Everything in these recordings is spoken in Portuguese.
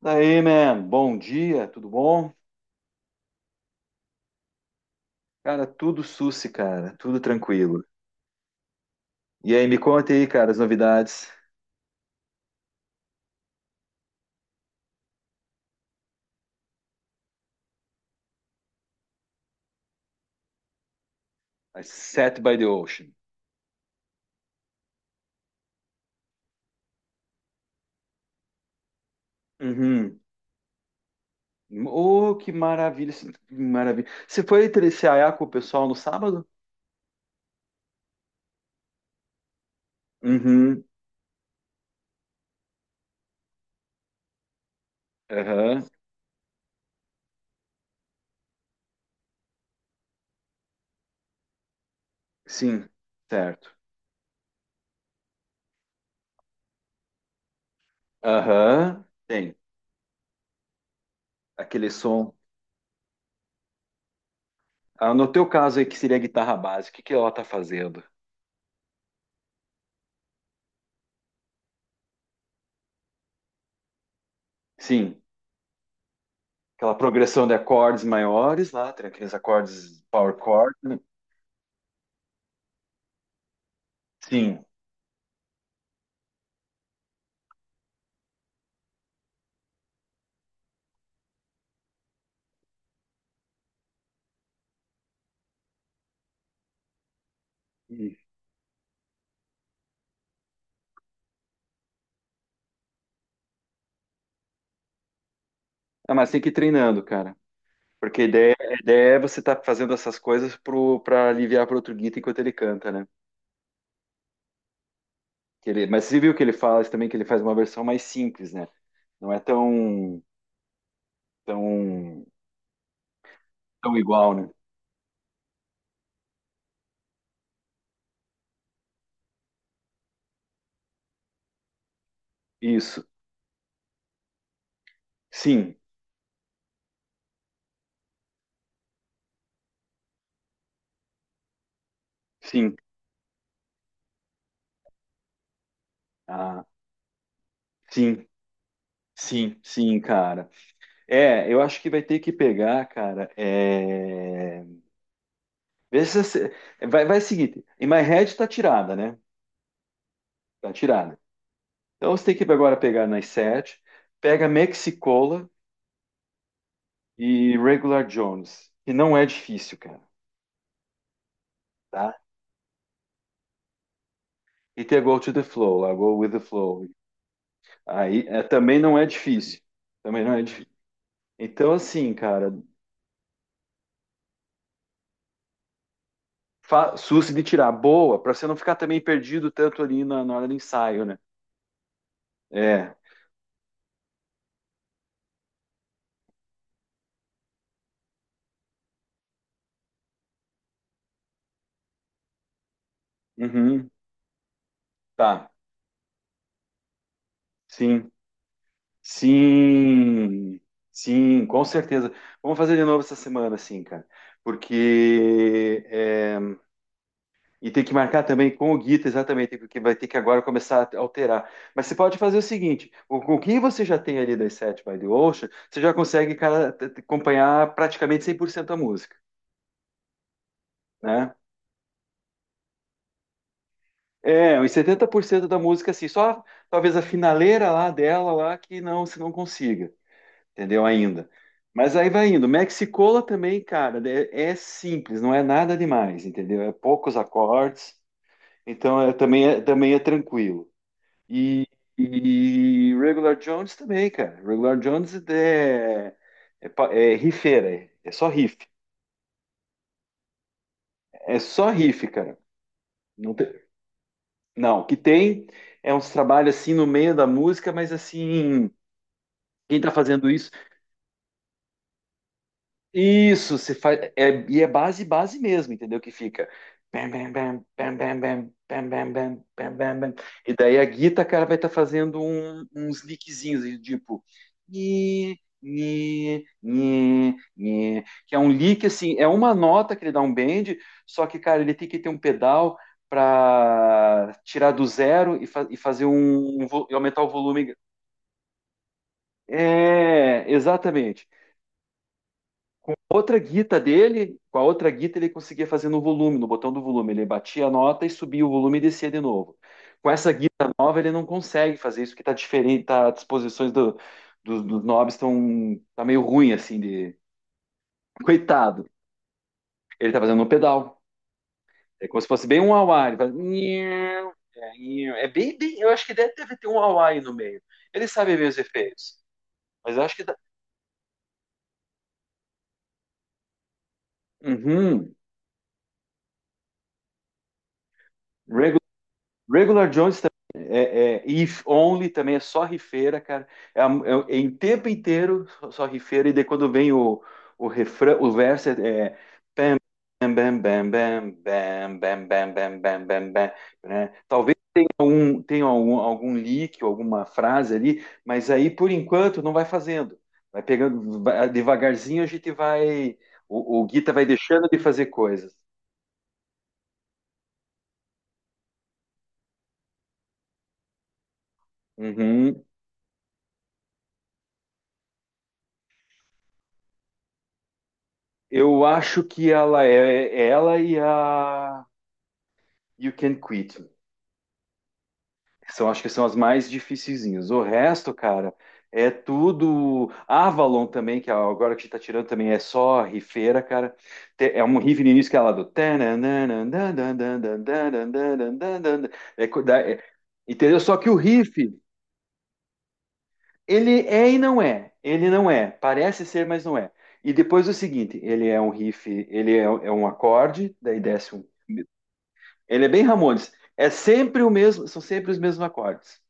Daí, man, bom dia, tudo bom? Cara, tudo sussi, cara, tudo tranquilo. E aí, me conta aí, cara, as novidades. I Set by the Ocean. Uhum. Oh, que maravilha, que maravilha. Você foi trecear com o pessoal no sábado? Uhum, aham, sim, certo. Aham, tem, aquele som. Ah, no teu caso aí, que seria a guitarra básica, o que que ela tá fazendo? Sim, aquela progressão de acordes maiores lá, tem aqueles acordes power chord, né? Sim. Ah, mas tem que ir treinando, cara. Porque a ideia é você estar fazendo essas coisas pro, pra aliviar pro outro guita enquanto ele canta, né? Mas você viu que ele fala isso também, que ele faz uma versão mais simples, né? Não é tão, tão igual, né? Isso. Sim, sim. Ah, sim, sim, sim, cara. É, eu acho que vai ter que pegar, cara. Vê se você- Vai seguinte. In My Head tá tirada, né? Tá tirada. Então você tem que agora pegar nas sete, pega Mexicola e Regular Jones, que não é difícil, cara, tá? E tem a Go to the Flow, lá, Go with the Flow. Aí é, também não é difícil. Também não é difícil. Então, assim, cara, suce de tirar boa, pra você não ficar também perdido tanto ali na hora do ensaio, né? É. Uhum. Tá. Sim. Sim. Sim, com certeza. Vamos fazer de novo essa semana, sim, cara. Porque é, E tem que marcar também com o Guita, exatamente, porque vai ter que agora começar a alterar. Mas você pode fazer o seguinte: com o que você já tem ali das Set by the Ocean, você já consegue, cara, acompanhar praticamente 100% da música, né? É, uns 70% da música, assim, só talvez a finaleira lá dela, lá, que não, você não consiga, entendeu? Ainda. Mas aí vai indo. Mexicola também, cara, é simples, não é nada demais, entendeu? É poucos acordes, então é também é tranquilo. E, e Regular Jones também, cara. Regular Jones é rifeira, é só riff. É só riff, cara. Não, tem- não, o que tem é uns trabalhos assim no meio da música, mas assim, quem tá fazendo isso Isso, você faz. É, e é base mesmo, entendeu? Que fica. Bam, bam, bam, bam, bam, bam, bam, bam, bam, bam, bam, bam. E daí a guita, cara, vai estar fazendo uns lickzinhos, e tipo. Nhe, nhe, nhe, nhe. Que é um lick, assim, é uma nota que ele dá um bend, só que, cara, ele tem que ter um pedal para tirar do zero e, e fazer e aumentar o volume. É, exatamente. Outra guita dele, com a outra guita ele conseguia fazer no volume, no botão do volume. Ele batia a nota e subia o volume e descia de novo. Com essa guita nova ele não consegue fazer isso, que tá diferente, tá, as disposições dos knobs estão tá meio ruim, assim, de... Coitado. Ele tá fazendo no pedal. É como se fosse bem um auá. Ele faz... É bem, bem... Eu acho que deve ter um auá aí no meio. Ele sabe ver os efeitos. Mas eu acho que... Dá... Uhum. Reg Regular Jones também é If Only também é só rifeira, cara. É, é em tempo inteiro só, rifeira, e daí quando vem o refrão, o verso é bam, bam, bam, bam, bam, bam, bam, bam, bam, bam, né? Tenha algum leak, ou alguma frase ali, mas aí por enquanto não vai fazendo. Vai pegando devagarzinho, a gente vai. O Guita vai deixando de fazer coisas. Uhum. Eu acho que ela é ela e a You Can Quit. Acho que são as mais dificilzinhas. O resto, cara, é tudo. Avalon também, que agora que a gente tá tirando também é só rifeira, cara. É um riff no início que é lá do. É co- da- é- Entendeu? Só que o riff, ele é e não é. Ele não é. Parece ser, mas não é. E depois o seguinte: ele é um riff, ele é um acorde, daí desce. Ele é bem Ramones. É sempre o mesmo, são sempre os mesmos acordes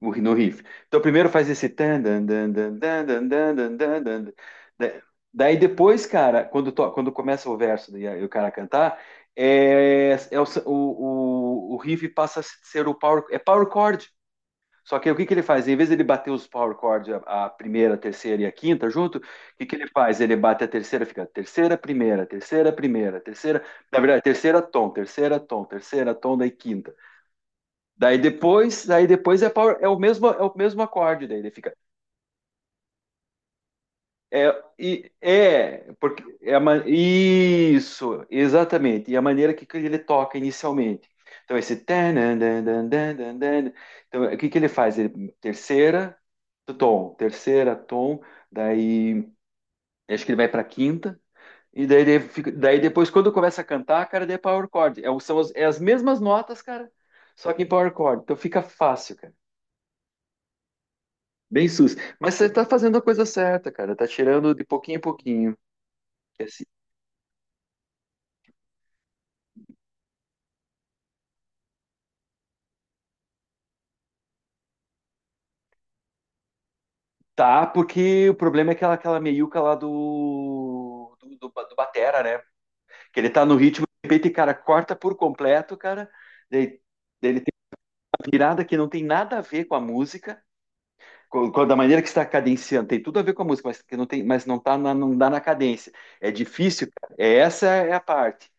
no riff. Então primeiro faz esse tan dan dan dan dan dan dan dan dan dan, dan. Da- Daí depois, cara, quando começa o verso e o cara cantar, o riff passa a ser o power, é power chord. Só que o que ele faz? Em vez de ele bater os power chords, a primeira, a terceira e a quinta junto, o que ele faz? Ele bate a terceira, fica terceira, primeira, terceira, primeira, terceira, na verdade, terceira tom, terceira tom, terceira tom, daí quinta. Daí depois é power, é o mesmo acorde, daí ele fica. Porque é a isso, exatamente. E a maneira que ele toca inicialmente. Então, esse. Tanan, dan, dan, dan, dan, dan. Então, o que que ele faz? Ele, terceira, tom, daí acho que ele vai para quinta, e daí, daí depois, quando começa a cantar, cara, daí é power chord. É, é as mesmas notas, cara, só que em power chord. Então fica fácil, cara. Bem sus. Mas você tá fazendo a coisa certa, cara. Tá tirando de pouquinho em pouquinho. Tá, porque o problema é aquela meiuca lá do Batera, né? Que ele tá no ritmo, de repente, cara, corta por completo, cara. Ele, ele tem uma virada que não tem nada a ver com a música, da maneira que está cadenciando, tem tudo a ver com a música, mas que não tem, mas não tá na, não dá na cadência. É difícil, cara. É, essa é a parte.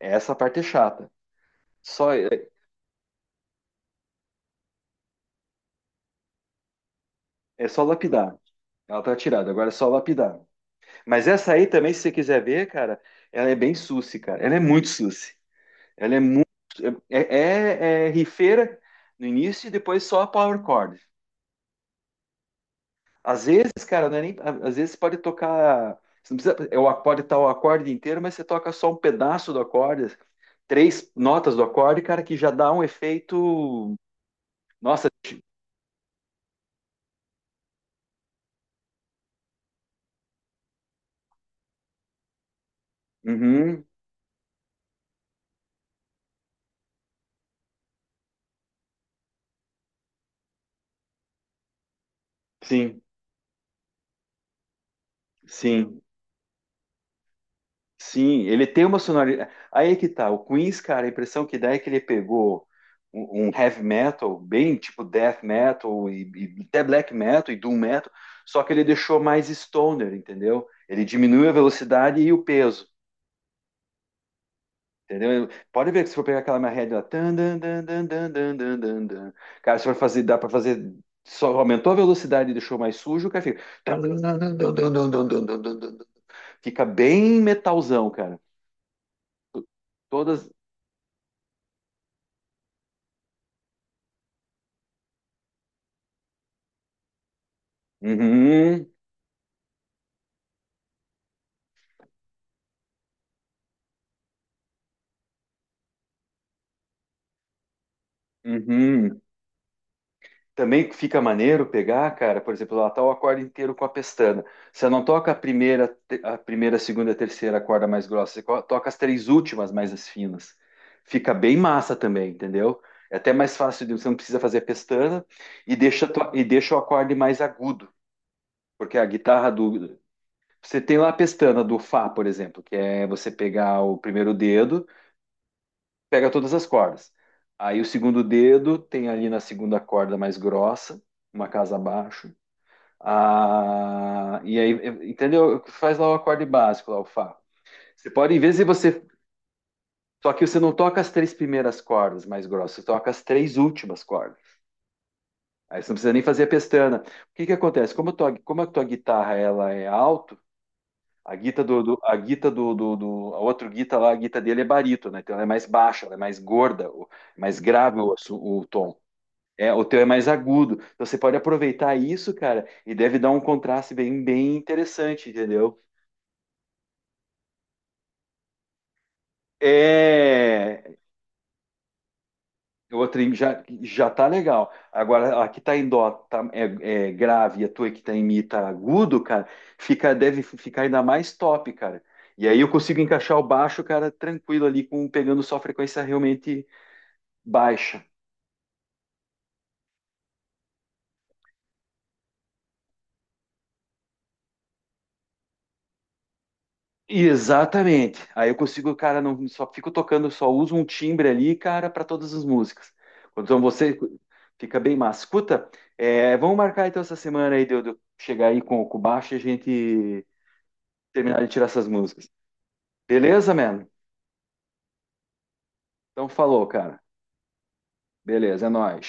Essa parte é chata. Só, é só lapidar. Ela tá tirada, agora é só lapidar. Mas essa aí também, se você quiser ver, cara, ela é bem suci, cara. Ela é muito suci. Ela é muito. É rifeira no início e depois só a power chord. Às vezes, cara, não é nem. Às vezes pode tocar. Você não precisa, pode estar o acorde inteiro, mas você toca só um pedaço do acorde, três notas do acorde, cara, que já dá um efeito. Nossa, uhum, sim, sim. Sim, ele tem uma sonoridade. Aí é que tá. O Queens, cara, a impressão que dá é que ele pegou um heavy metal, bem tipo death metal, e até black metal e doom metal, só que ele deixou mais stoner, entendeu? Ele diminuiu a velocidade e o peso. Entendeu? Pode ver que se for pegar aquela minha head lá, tan, dan, dan, dan, dan, dan, dan, dan, dan, cara, se for fazer, dá pra fazer, só aumentou a velocidade e deixou mais sujo, o cara fica, tan, dan, dan, dan, dan, dan, dan, dan, dan, dan, dan. Fica bem metalzão, cara. Todas, Uhum, Uhum. Também fica maneiro pegar, cara, por exemplo, lá tá o acorde inteiro com a pestana. Você não toca a primeira, a primeira, a segunda, a terceira corda mais grossa, você toca as três últimas mais as finas. Fica bem massa também, entendeu? É até mais fácil, você não precisa fazer a pestana e deixa, e deixa o acorde mais agudo, porque a guitarra do. Você tem lá a pestana do Fá, por exemplo, que é você pegar o primeiro dedo pega todas as cordas. Aí o segundo dedo tem ali na segunda corda mais grossa, uma casa abaixo. Ah, e aí, entendeu? Faz lá o acorde básico, lá o Fá. Você pode, em vez de você. Só que você não toca as três primeiras cordas mais grossas, você toca as três últimas cordas. Aí você não precisa nem fazer a pestana. O que que acontece? Como a tua guitarra ela é alto, a guita do, do- a guita do, do, do- a outra guita lá, a guita dele é barito, né? Então ela é mais baixa, ela é mais gorda, mais grave o tom. É, o teu é mais agudo. Então você pode aproveitar isso, cara, e deve dar um contraste bem, bem interessante, entendeu? É, já, já tá legal. Agora, a que tá em dó tá, é grave e a tua que tá em mi tá agudo, cara, deve ficar ainda mais top, cara. E aí eu consigo encaixar o baixo, cara, tranquilo ali, com, pegando só frequência realmente baixa. Exatamente. Aí eu consigo, cara, não só fico tocando, só uso um timbre ali, cara, para todas as músicas. Então você fica bem massa. Escuta, é, vamos marcar então essa semana aí de eu chegar aí com o baixo e a gente terminar de tirar essas músicas. Beleza, mano? Então falou, cara. Beleza, é nóis.